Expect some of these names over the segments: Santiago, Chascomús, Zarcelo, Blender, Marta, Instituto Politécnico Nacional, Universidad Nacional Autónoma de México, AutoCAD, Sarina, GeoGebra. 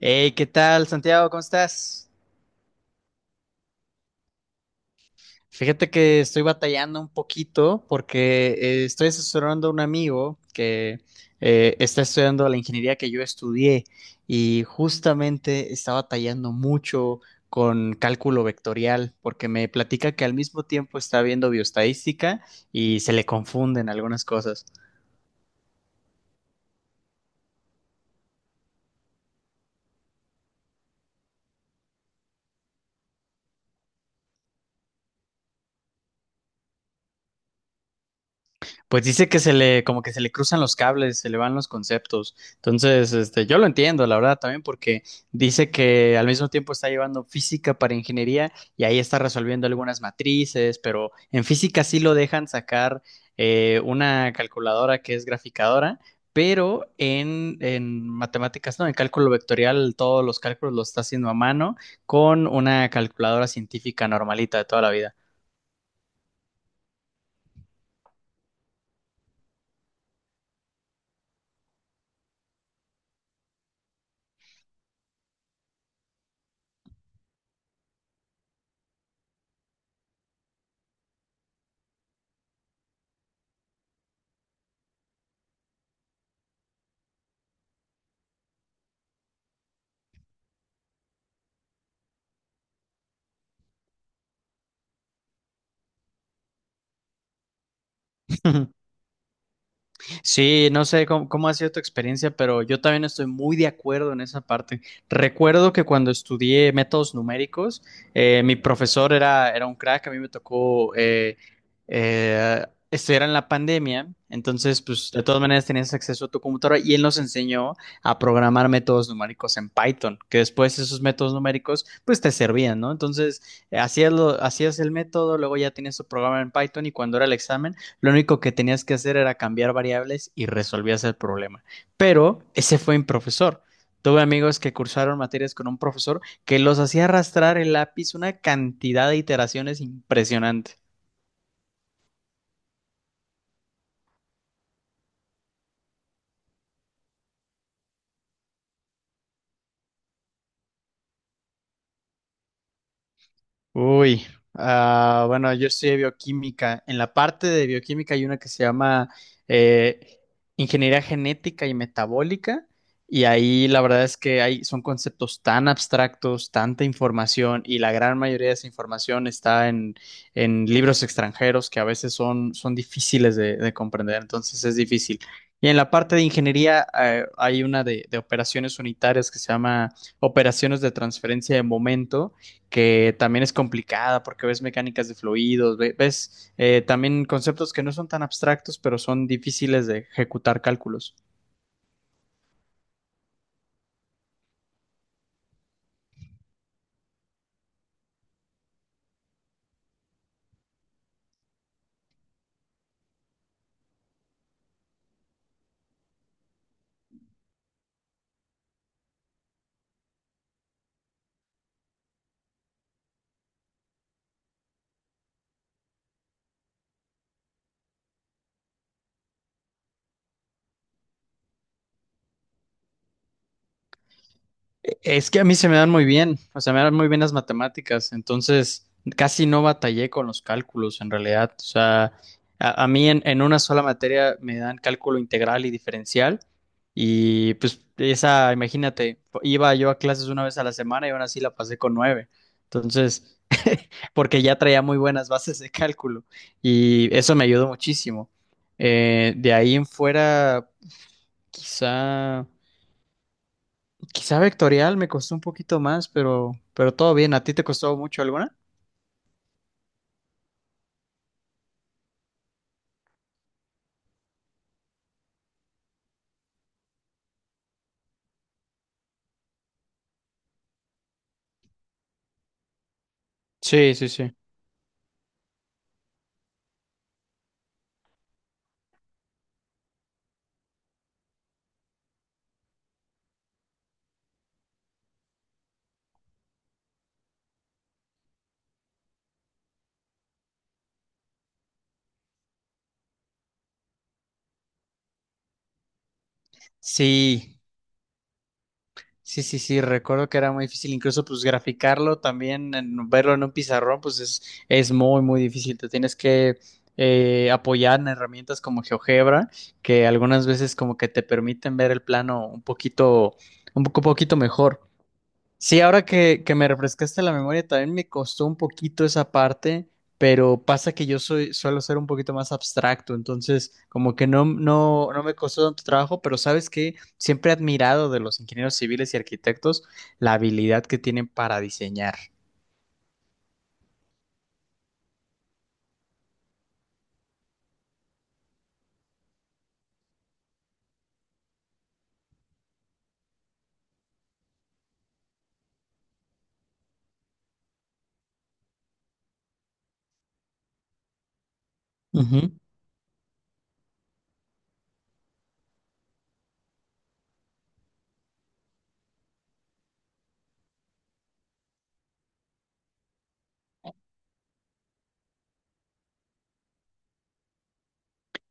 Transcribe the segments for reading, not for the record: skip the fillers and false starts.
Hey, ¿qué tal, Santiago? ¿Cómo estás? Fíjate que estoy batallando un poquito porque estoy asesorando a un amigo que está estudiando la ingeniería que yo estudié y justamente está batallando mucho con cálculo vectorial porque me platica que al mismo tiempo está viendo bioestadística y se le confunden algunas cosas. Pues dice que se le, como que se le cruzan los cables, se le van los conceptos. Entonces, este, yo lo entiendo, la verdad, también porque dice que al mismo tiempo está llevando física para ingeniería y ahí está resolviendo algunas matrices, pero en física sí lo dejan sacar una calculadora que es graficadora, pero en matemáticas, no, en cálculo vectorial, todos los cálculos los está haciendo a mano con una calculadora científica normalita de toda la vida. Sí, no sé cómo ha sido tu experiencia, pero yo también estoy muy de acuerdo en esa parte. Recuerdo que cuando estudié métodos numéricos, mi profesor era un crack. A mí me tocó eh, estudiar en la pandemia, entonces pues de todas maneras tenías acceso a tu computadora y él nos enseñó a programar métodos numéricos en Python, que después esos métodos numéricos pues te servían, ¿no? Entonces hacías, hacías el método, luego ya tenías tu programa en Python y cuando era el examen lo único que tenías que hacer era cambiar variables y resolvías el problema. Pero ese fue mi profesor. Tuve amigos que cursaron materias con un profesor que los hacía arrastrar el lápiz una cantidad de iteraciones impresionante. Uy, ah, bueno, yo estudié bioquímica. En la parte de bioquímica hay una que se llama eh, ingeniería genética y metabólica, y ahí la verdad es que hay, son conceptos tan abstractos, tanta información, y la gran mayoría de esa información está en libros extranjeros que a veces son difíciles de comprender, entonces es difícil. Y en la parte de ingeniería hay una de operaciones unitarias que se llama operaciones de transferencia de momento que también es complicada porque ves mecánicas de fluidos, ves también conceptos que no son tan abstractos, pero son difíciles de ejecutar cálculos. Es que a mí se me dan muy bien, o sea, me dan muy bien las matemáticas, entonces casi no batallé con los cálculos en realidad, o sea, a mí en una sola materia me dan cálculo integral y diferencial y pues esa, imagínate, iba yo a clases una vez a la semana y aún así la pasé con nueve, entonces, porque ya traía muy buenas bases de cálculo y eso me ayudó muchísimo. De ahí en fuera, quizá... Quizá vectorial me costó un poquito más, pero todo bien. ¿A ti te costó mucho alguna? Sí, sí, sí. Sí, sí, sí, sí, recuerdo que era muy difícil, incluso pues graficarlo también, verlo en un pizarrón, pues es muy, muy difícil, te tienes que apoyar en herramientas como GeoGebra, que algunas veces como que te permiten ver el plano un poquito, un poco, poquito mejor. Sí, ahora que me refrescaste la memoria, también me costó un poquito esa parte, pero pasa que yo soy, suelo ser un poquito más abstracto, entonces como que no, no, no me costó tanto trabajo, pero sabes que siempre he admirado de los ingenieros civiles y arquitectos la habilidad que tienen para diseñar.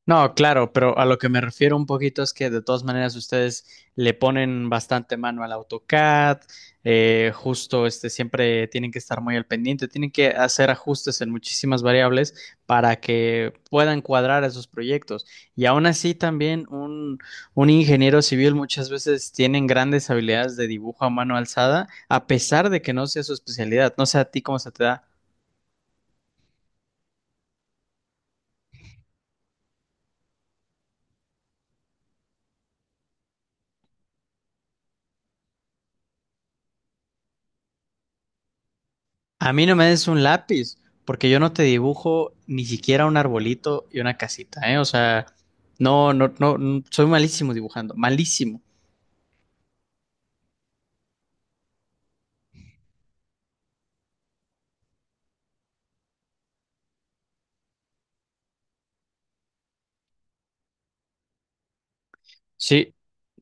No, claro, pero a lo que me refiero un poquito es que de todas maneras ustedes le ponen bastante mano al AutoCAD, justo este siempre tienen que estar muy al pendiente, tienen que hacer ajustes en muchísimas variables para que puedan cuadrar esos proyectos. Y aún así también un ingeniero civil muchas veces tienen grandes habilidades de dibujo a mano alzada, a pesar de que no sea su especialidad. No sé a ti cómo se te da. A mí no me des un lápiz, porque yo no te dibujo ni siquiera un arbolito y una casita, ¿eh? O sea, no, no, no, no, soy malísimo dibujando, malísimo. Sí,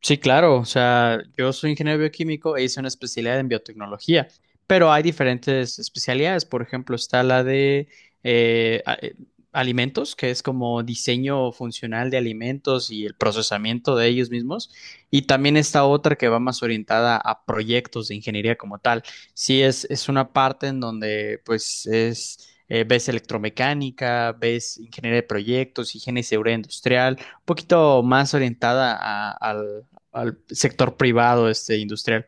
sí, claro. O sea, yo soy ingeniero bioquímico e hice una especialidad en biotecnología, pero hay diferentes especialidades. Por ejemplo, está la de eh, a- eh, alimentos, que es como diseño funcional de alimentos y el procesamiento de ellos mismos. Y también está otra que va más orientada a proyectos de ingeniería como tal. Sí, es una parte en donde pues es... ves electromecánica, ves ingeniería de proyectos, higiene y seguridad industrial, poquito más orientada al, al sector privado, este, industrial.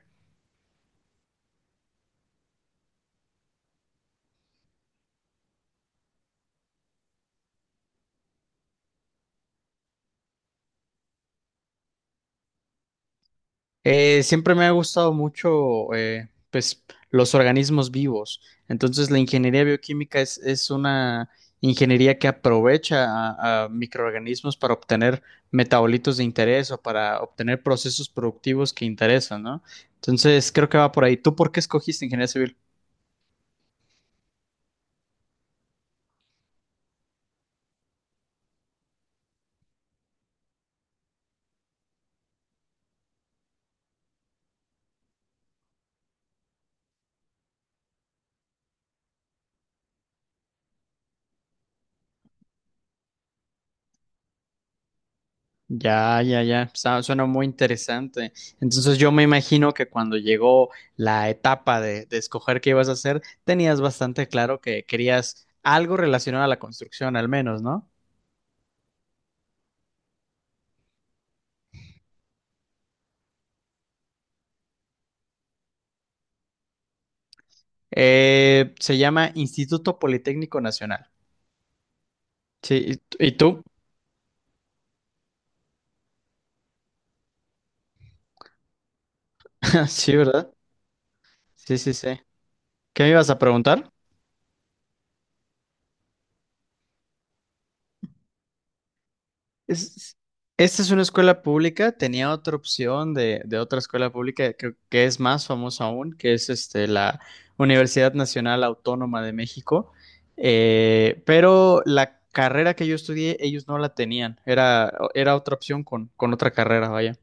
Siempre me ha gustado mucho, pues, los organismos vivos. Entonces, la ingeniería bioquímica es una ingeniería que aprovecha a microorganismos para obtener metabolitos de interés o para obtener procesos productivos que interesan, ¿no? Entonces, creo que va por ahí. ¿Tú por qué escogiste ingeniería civil? Ya, ya, ya. Suena muy interesante. Entonces yo me imagino que cuando llegó la etapa de escoger qué ibas a hacer, tenías bastante claro que querías algo relacionado a la construcción, al menos, ¿no? Se llama Instituto Politécnico Nacional. Sí, ¿ y tú? Sí, ¿verdad? Sí, sí, sí. ¿Qué me ibas a preguntar? Es- Esta es una escuela pública, tenía otra opción de otra escuela pública que es más famosa aún, que es este, la Universidad Nacional Autónoma de México. Pero la carrera que yo estudié, ellos no la tenían, era otra opción con otra carrera, vaya.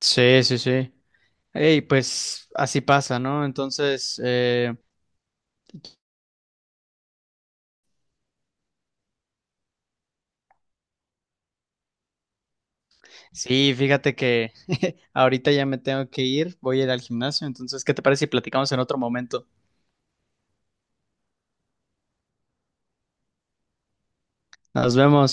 Sí, sí, sí. Y pues así pasa, ¿no? Entonces, sí, fíjate que ahorita ya me tengo que ir, voy a ir al gimnasio, entonces, ¿qué te parece si platicamos en otro momento? Nos vemos.